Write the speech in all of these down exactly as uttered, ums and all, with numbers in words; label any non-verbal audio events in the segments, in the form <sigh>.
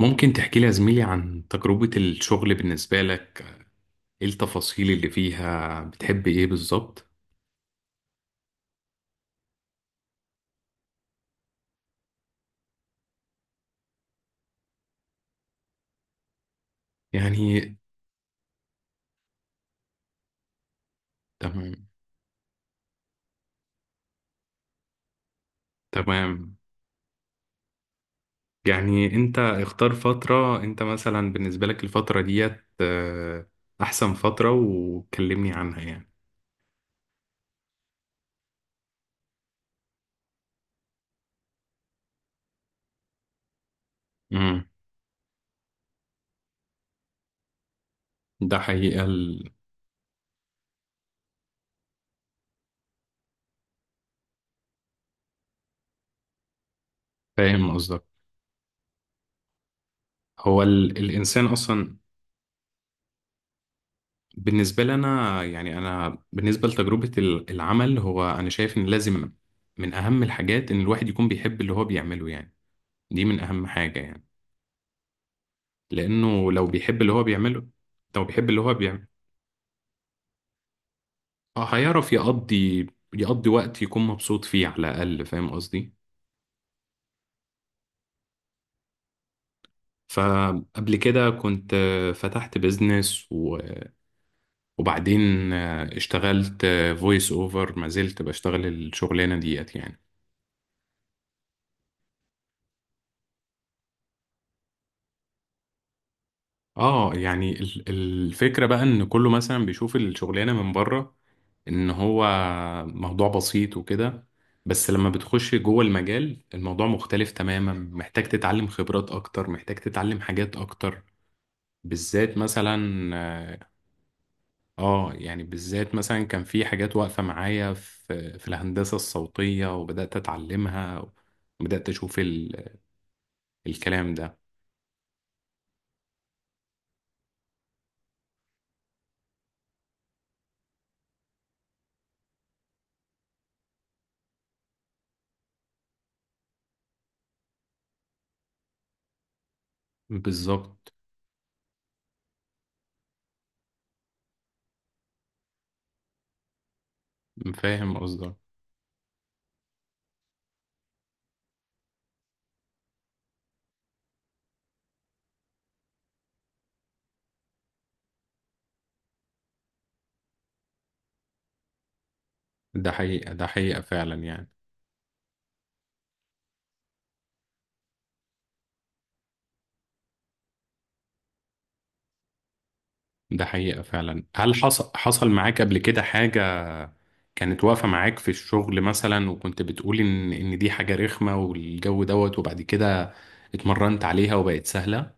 ممكن تحكي لي يا زميلي عن تجربة الشغل بالنسبة لك؟ ايه التفاصيل اللي فيها بتحب ايه بالظبط؟ يعني. تمام، تمام. يعني انت اختار فترة، انت مثلا بالنسبة لك الفترة ديت آه، احسن فترة وكلمني عنها، يعني. امم. ده حقيقة ال- فاهم قصدك. هو ال... الانسان اصلا. بالنسبة لنا يعني، انا بالنسبة لتجربة ال- العمل، هو انا شايف ان لازم من اهم الحاجات ان الواحد يكون بيحب اللي هو بيعمله، يعني. دي من أهم حاجة، يعني. لأنه لو بيحب اللي هو بيعمله. لو بيحب اللي هو بيعمله، آه، هيعرف يقضي يقضي وقت يكون مبسوط فيه على الأقل، فاهم قصدي. فقبل كده كنت آه، فتحت بيزنس و- وبعدين آه، اشتغلت فويس أوفر، ما زلت بشتغل الشغلانة ديت يعني. اه يعني ال- الفكرة بقى ان كله مثلا بيشوف الشغلانة من بره، ان هو موضوع بسيط وكده. بس لما بتخش جوه المجال الموضوع مختلف تماما، محتاج تتعلم خبرات اكتر، محتاج تتعلم حاجات اكتر بالذات مثلا. اه آه، يعني بالذات مثلا كان في حاجات واقفة معايا في في الهندسة الصوتية، وبدأت اتعلمها وبدأت اشوف ال- الكلام ده، بالظبط. فاهم قصدك. ده حقيقة، ده حقيقة فعلا يعني. ده حقيقة فعلا، هل حصل حصل معاك قبل كده حاجة كانت واقفة معاك في الشغل مثلا، وكنت بتقول إن إن دي حاجة رخمة والجو دوت، وبعد كده اتمرنت عليها وبقت سهلة؟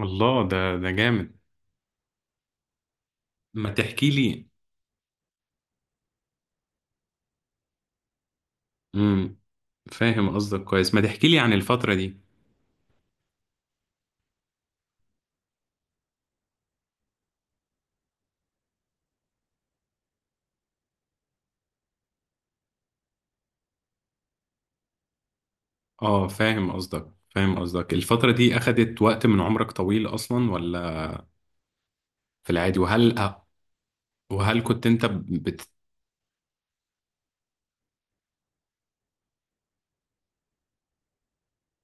الله، ده ده جامد. ما تحكي لي. امم. فاهم قصدك كويس، ما تحكي لي عن الفترة دي. اه فاهم قصدك، فاهم قصدك، الفترة دي أخدت وقت من عمرك طويل أصلا ولا في العادي؟ وهل وهل كنت أنت؟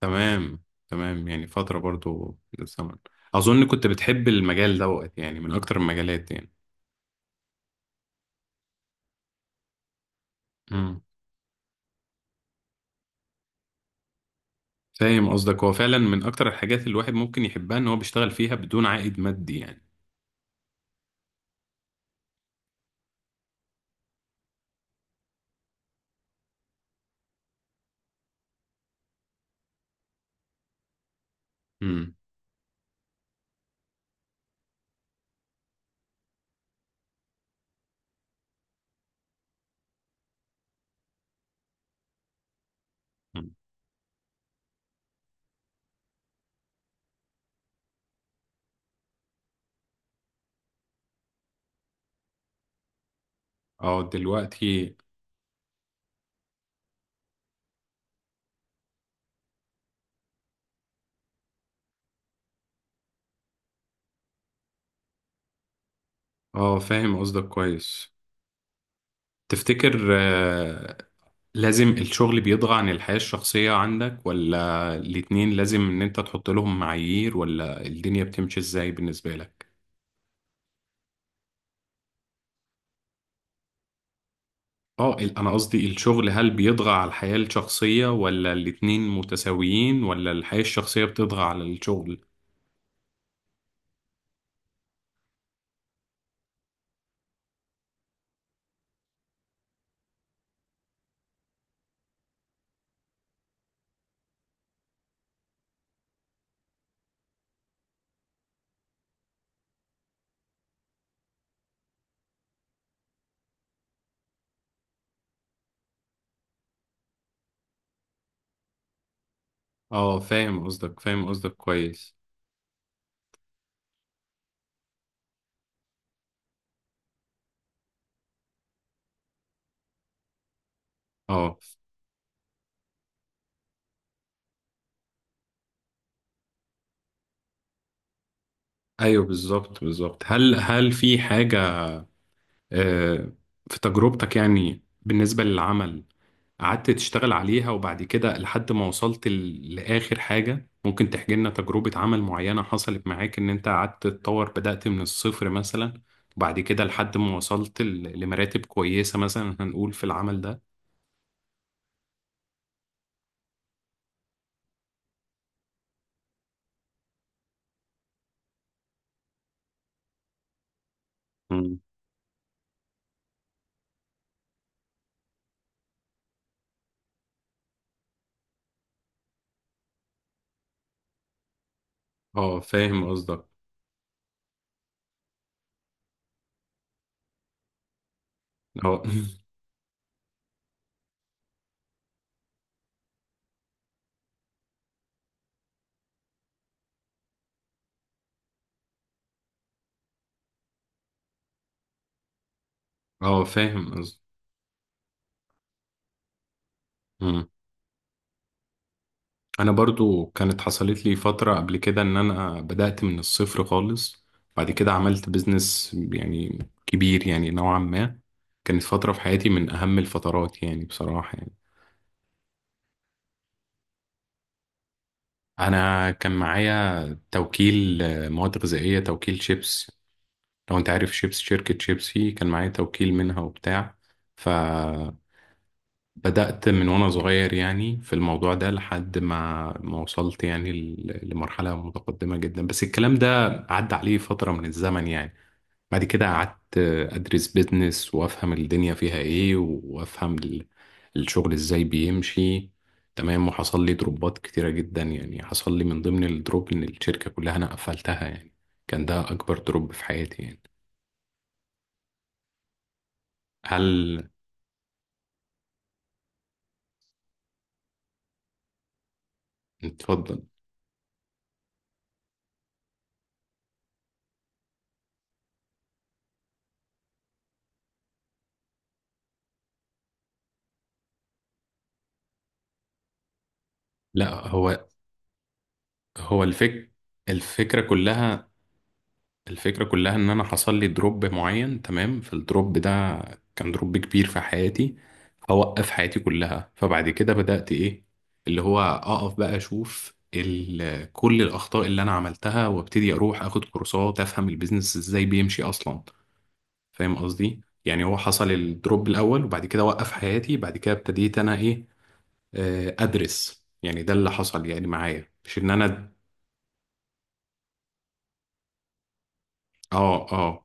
تمام، تمام، يعني فترة برضو من الزمن، أظن كنت بتحب المجال دوت يعني من أكتر المجالات يعني. مم. فاهم قصدك، هو فعلا من أكتر الحاجات اللي الواحد ممكن يحبها إن هو بيشتغل فيها بدون عائد مادي يعني. مم. مم. اه دلوقتي. اه فاهم قصدك كويس. تفتكر آه لازم الشغل بيضغى عن الحياة الشخصية عندك، ولا الاتنين لازم إن أنت تحط لهم معايير، ولا الدنيا بتمشي إزاي بالنسبة لك؟ اه ال- انا قصدي الشغل، هل بيطغى على الحياة الشخصية، ولا الاتنين متساويين، ولا الحياة الشخصية بتطغى على الشغل؟ اه فاهم قصدك، فاهم قصدك كويس. اه، ايوه، بالظبط، بالظبط، هل هل في حاجة آه في تجربتك يعني بالنسبة للعمل قعدت تشتغل عليها، وبعد كده لحد ما وصلت ل- لآخر حاجة؟ ممكن تحكي لنا تجربة عمل معينة حصلت معاك إن أنت قعدت تتطور، بدأت من الصفر مثلا، وبعد كده لحد ما وصلت ل- لمراتب كويسة مثلا هنقول في العمل ده؟ مم. اه فاهم قصدك. اه <laughs> اه فاهم قصدك. انا برضو كانت حصلت لي فترة قبل كده ان انا بدأت من الصفر خالص، بعد كده عملت بيزنس يعني كبير يعني نوعا ما. كانت فترة في حياتي من اهم الفترات يعني، بصراحة يعني. انا كان معايا توكيل آه، مواد غذائية، توكيل شيبس. لو انت عارف شيبس، شركة شيبسي كان معايا توكيل منها وبتاع. ف بدأت من وأنا صغير يعني في الموضوع ده لحد ما ما وصلت يعني ل- لمرحلة متقدمة جدا، بس الكلام ده عدى عليه فترة من الزمن يعني. بعد كده قعدت أدرس بيزنس وأفهم الدنيا فيها إيه، وأفهم ال- الشغل إزاي بيمشي، تمام. وحصل لي دروبات كتيرة جدا يعني، حصل لي من ضمن الدروب إن الشركة كلها أنا قفلتها يعني. كان ده أكبر دروب في حياتي يعني. هل اتفضل. لا، هو هو الفك الفكرة كلها الفكرة كلها ان انا حصل لي دروب معين، تمام. فالدروب ده كان دروب كبير في حياتي، هوقف حياتي كلها. فبعد كده بدأت ايه، اللي هو اقف بقى اشوف ال- كل الاخطاء اللي انا عملتها، وابتدي اروح اخد كورسات افهم البيزنس ازاي بيمشي اصلا. فاهم قصدي يعني، هو حصل الدروب الاول وبعد كده وقف حياتي، بعد كده ابتديت انا ايه، آه، ادرس، يعني ده اللي حصل يعني معايا، مش ان انا. اه، اه،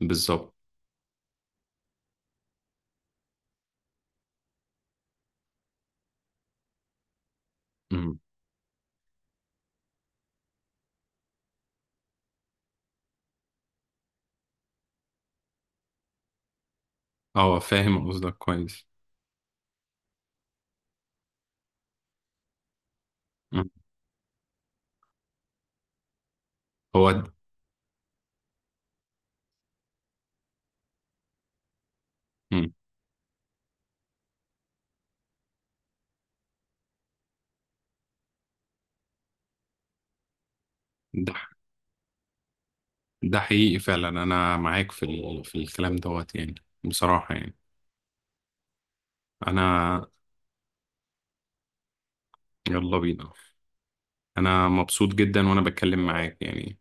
بالظبط. أمم. اه فاهم قصدك كويس. مم. هو د- مم. ده ده حقيقي فعلا، انا معاك في ال... في الكلام دوت يعني، بصراحة يعني، انا. يلا بينا. انا مبسوط جدا وانا بتكلم معاك يعني.